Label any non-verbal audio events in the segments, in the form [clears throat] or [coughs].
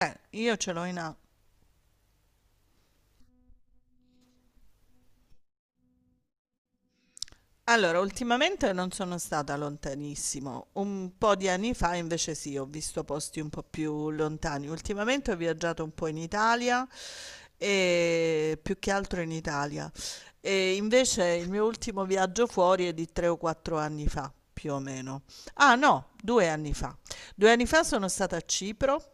Io ce l'ho in A. Allora, ultimamente non sono stata lontanissimo, un po' di anni fa invece sì, ho visto posti un po' più lontani. Ultimamente ho viaggiato un po' in Italia e più che altro in Italia. E invece il mio ultimo viaggio fuori è di 3 o 4 anni fa, più o meno. Ah no, 2 anni fa. 2 anni fa sono stata a Cipro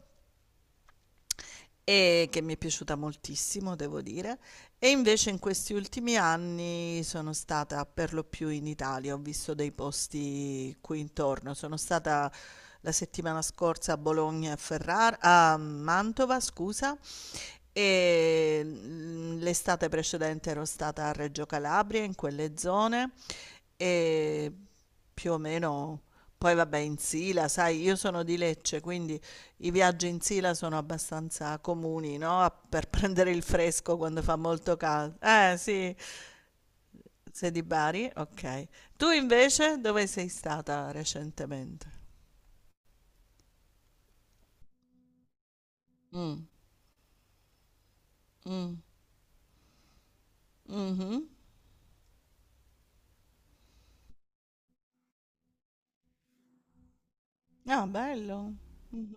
e che mi è piaciuta moltissimo, devo dire. E invece in questi ultimi anni sono stata per lo più in Italia, ho visto dei posti qui intorno. Sono stata la settimana scorsa a Bologna e a Ferrara, a Mantova, scusa, e l'estate precedente ero stata a Reggio Calabria, in quelle zone, e più o meno. Poi vabbè, in Sila, sai, io sono di Lecce, quindi i viaggi in Sila sono abbastanza comuni, no? Per [laughs] prendere il fresco quando fa molto caldo. Eh sì, sei di Bari? Ok. Tu invece dove sei stata recentemente? Mm, mm, mhm. Ah, bello. Mhm.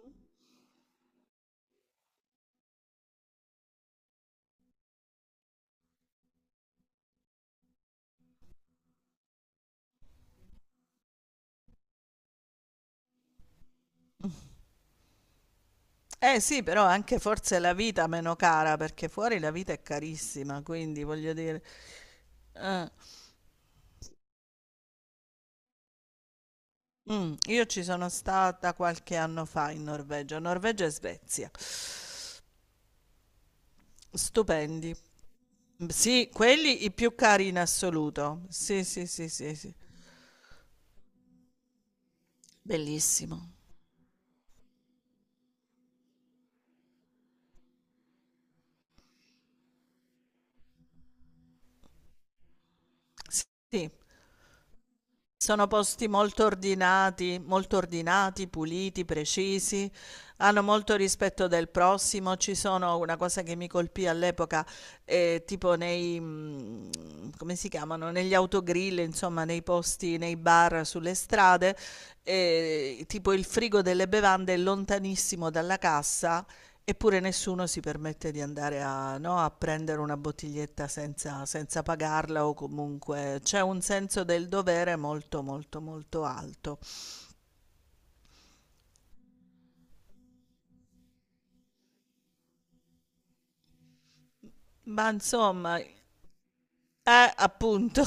Eh sì, però anche forse la vita meno cara, perché fuori la vita è carissima, quindi voglio dire. Eh, mm, io ci sono stata qualche anno fa in Norvegia, Norvegia e Svezia. Stupendi. Mm, sì, quelli i più cari in assoluto. Sì, sì, sì, sì, sì. Bellissimo. Sì, sì. Sono posti molto ordinati, puliti, precisi, hanno molto rispetto del prossimo. Ci sono una cosa che mi colpì all'epoca, tipo come si chiamano, negli autogrill, insomma, nei posti, nei bar sulle strade, tipo il frigo delle bevande è lontanissimo dalla cassa. Eppure nessuno si permette di andare a, no, a prendere una bottiglietta senza pagarla, o comunque c'è un senso del dovere molto molto molto alto. Ma insomma, appunto.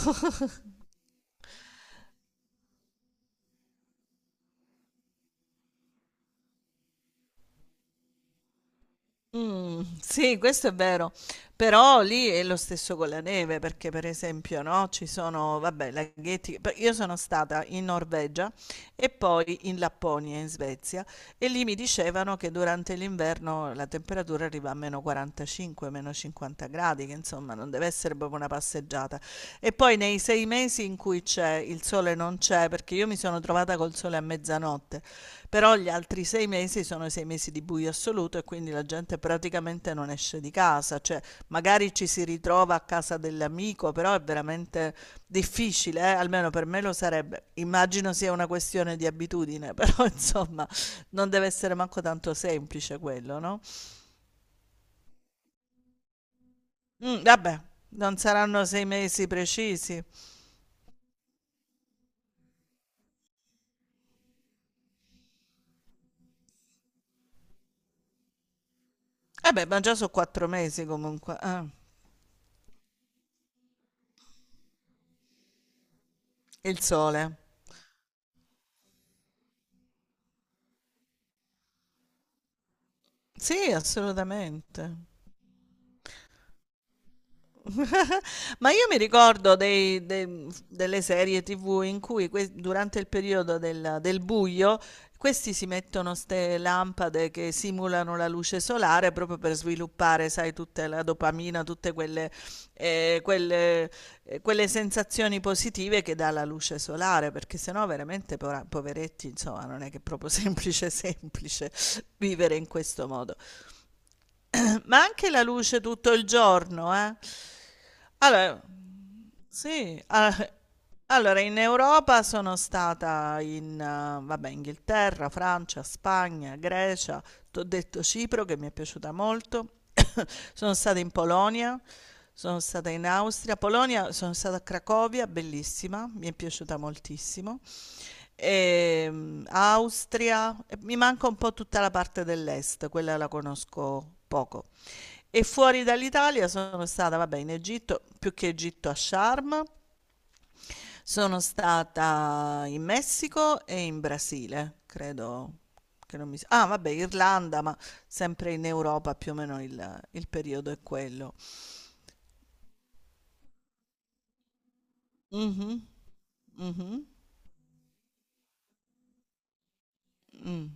[laughs] Sì, questo è vero, però lì è lo stesso con la neve, perché per esempio, no, ci sono, vabbè, laghetti. Pe io sono stata in Norvegia e poi in Lapponia, in Svezia, e lì mi dicevano che durante l'inverno la temperatura arriva a -45, -50 gradi, che insomma non deve essere proprio una passeggiata. E poi nei 6 mesi in cui c'è il sole non c'è, perché io mi sono trovata col sole a mezzanotte, però gli altri 6 mesi sono i 6 mesi di buio assoluto e quindi la gente praticamente non esce di casa, cioè magari ci si ritrova a casa dell'amico, però è veramente difficile. Almeno per me lo sarebbe. Immagino sia una questione di abitudine, però [laughs] insomma non deve essere manco tanto semplice quello, no? Mm, vabbè, non saranno 6 mesi precisi. Vabbè, ma già sono 4 mesi comunque. Ah, il sole. Sì, assolutamente. Ma io mi ricordo delle serie TV in cui durante il periodo del buio, questi si mettono ste lampade che simulano la luce solare proprio per sviluppare, sai, tutta la dopamina, tutte eh, quelle, quelle sensazioni positive che dà la luce solare, perché sennò veramente poveretti, insomma, non è che è proprio [laughs] semplice, semplice vivere in questo modo. [clears throat] Ma anche la luce tutto il giorno, eh? Allora, sì, ah, allora in Europa sono stata in, vabbè, Inghilterra, Francia, Spagna, Grecia, t'ho detto Cipro che mi è piaciuta molto, [coughs] sono stata in Polonia, sono stata in Austria, Polonia, sono stata a Cracovia, bellissima, mi è piaciuta moltissimo. Austria, e mi manca un po' tutta la parte dell'est, quella la conosco poco. E fuori dall'Italia sono stata, vabbè, in Egitto, più che Egitto a Sharm, sono stata in Messico e in Brasile, credo che non mi... Ah, vabbè, Irlanda, ma sempre in Europa più o meno il periodo è quello. Mhm, mhm, mm.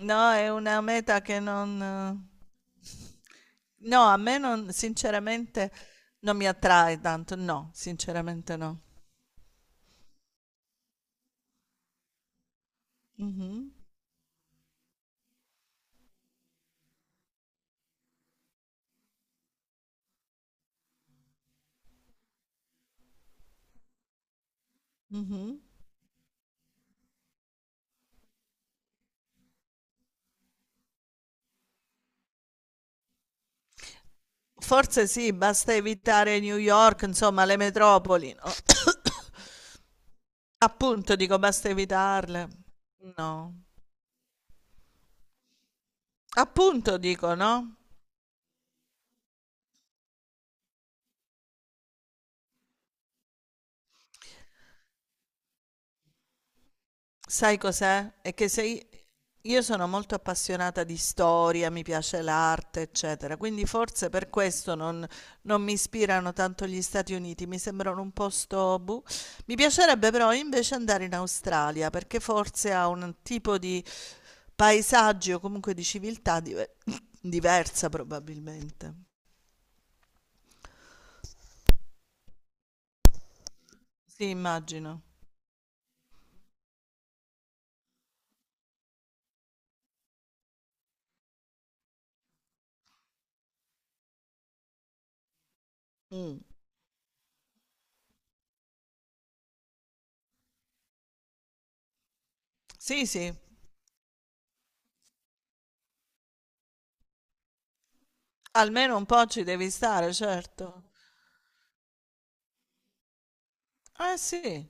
No, è una meta che non... No, a me non, sinceramente non mi attrae tanto, no, sinceramente no. Mhm, mhm. Forse sì, basta evitare New York, insomma, le metropoli, no? Appunto, dico, basta evitarle. No. Appunto, dico, no? Sai cos'è? È che se io sono molto appassionata di storia, mi piace l'arte, eccetera, quindi forse per questo non mi ispirano tanto gli Stati Uniti, mi sembrano un posto... boh. Mi piacerebbe però invece andare in Australia, perché forse ha un tipo di paesaggi o comunque di civiltà [laughs] diversa probabilmente. Sì, immagino. Mm. Sì, sì, almeno un po' ci devi stare, certo. Eh sì,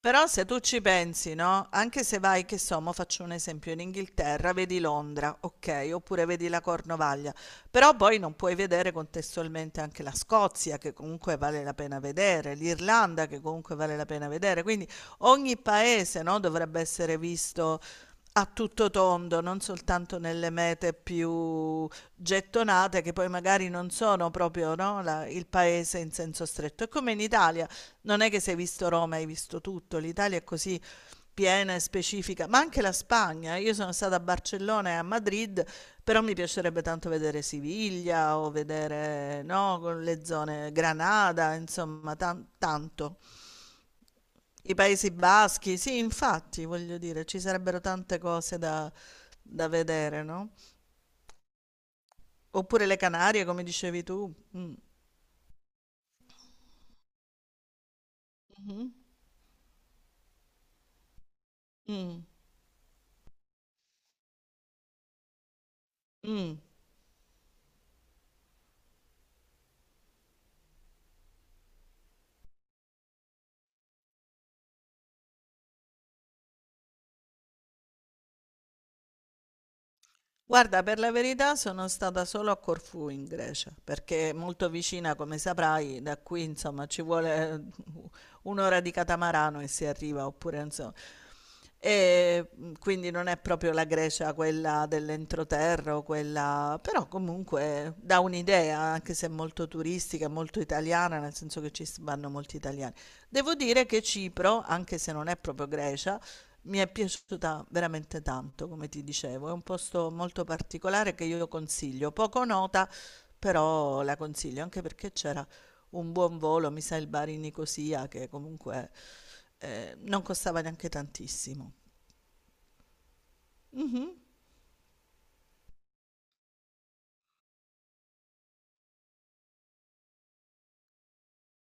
però se tu ci pensi, no? Anche se vai, che so, mo faccio un esempio, in Inghilterra vedi Londra, ok, oppure vedi la Cornovaglia, però poi non puoi vedere contestualmente anche la Scozia, che comunque vale la pena vedere, l'Irlanda, che comunque vale la pena vedere, quindi ogni paese, no, dovrebbe essere visto a tutto tondo, non soltanto nelle mete più gettonate, che poi magari non sono proprio, no, il paese in senso stretto. È come in Italia, non è che se hai visto Roma hai visto tutto, l'Italia è così piena e specifica, ma anche la Spagna. Io sono stata a Barcellona e a Madrid, però mi piacerebbe tanto vedere Siviglia o vedere, no, con le zone Granada, insomma, tanto. I Paesi Baschi, sì, infatti, voglio dire, ci sarebbero tante cose da vedere, no? Oppure le Canarie, come dicevi tu. Mm. Mhm. Mm. Mm. Guarda, per la verità sono stata solo a Corfù in Grecia, perché è molto vicina, come saprai, da qui insomma ci vuole un'ora di catamarano e si arriva, oppure insomma. E quindi non è proprio la Grecia quella dell'entroterra, o quella... però comunque dà un'idea, anche se è molto turistica, molto italiana, nel senso che ci vanno molti italiani. Devo dire che Cipro, anche se non è proprio Grecia, mi è piaciuta veramente tanto, come ti dicevo, è un posto molto particolare che io consiglio, poco nota, però la consiglio, anche perché c'era un buon volo, mi sa il Bari Nicosia, che comunque non costava neanche tantissimo. Mhm.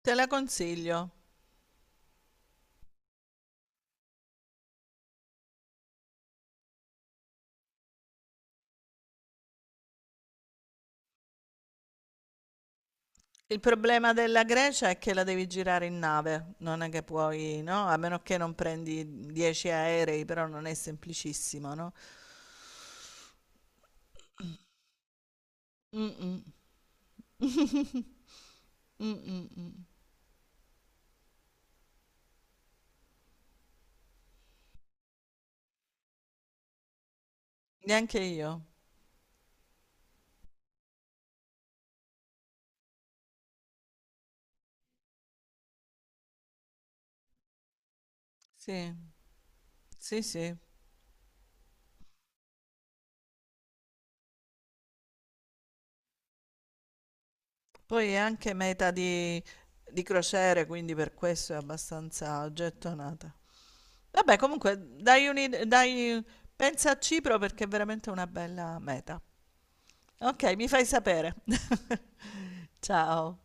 Te la consiglio. Il problema della Grecia è che la devi girare in nave, non è che puoi, no? A meno che non prendi 10 aerei, però non è semplicissimo, no? Mm, mm. [laughs] Mm, mm, mm. [laughs] Neanche io. Sì, sì, sì. Poi è anche meta di crociere, quindi per questo è abbastanza gettonata. Vabbè, comunque, dai, dai, pensa a Cipro perché è veramente una bella meta. Ok, mi fai sapere. [laughs] Ciao.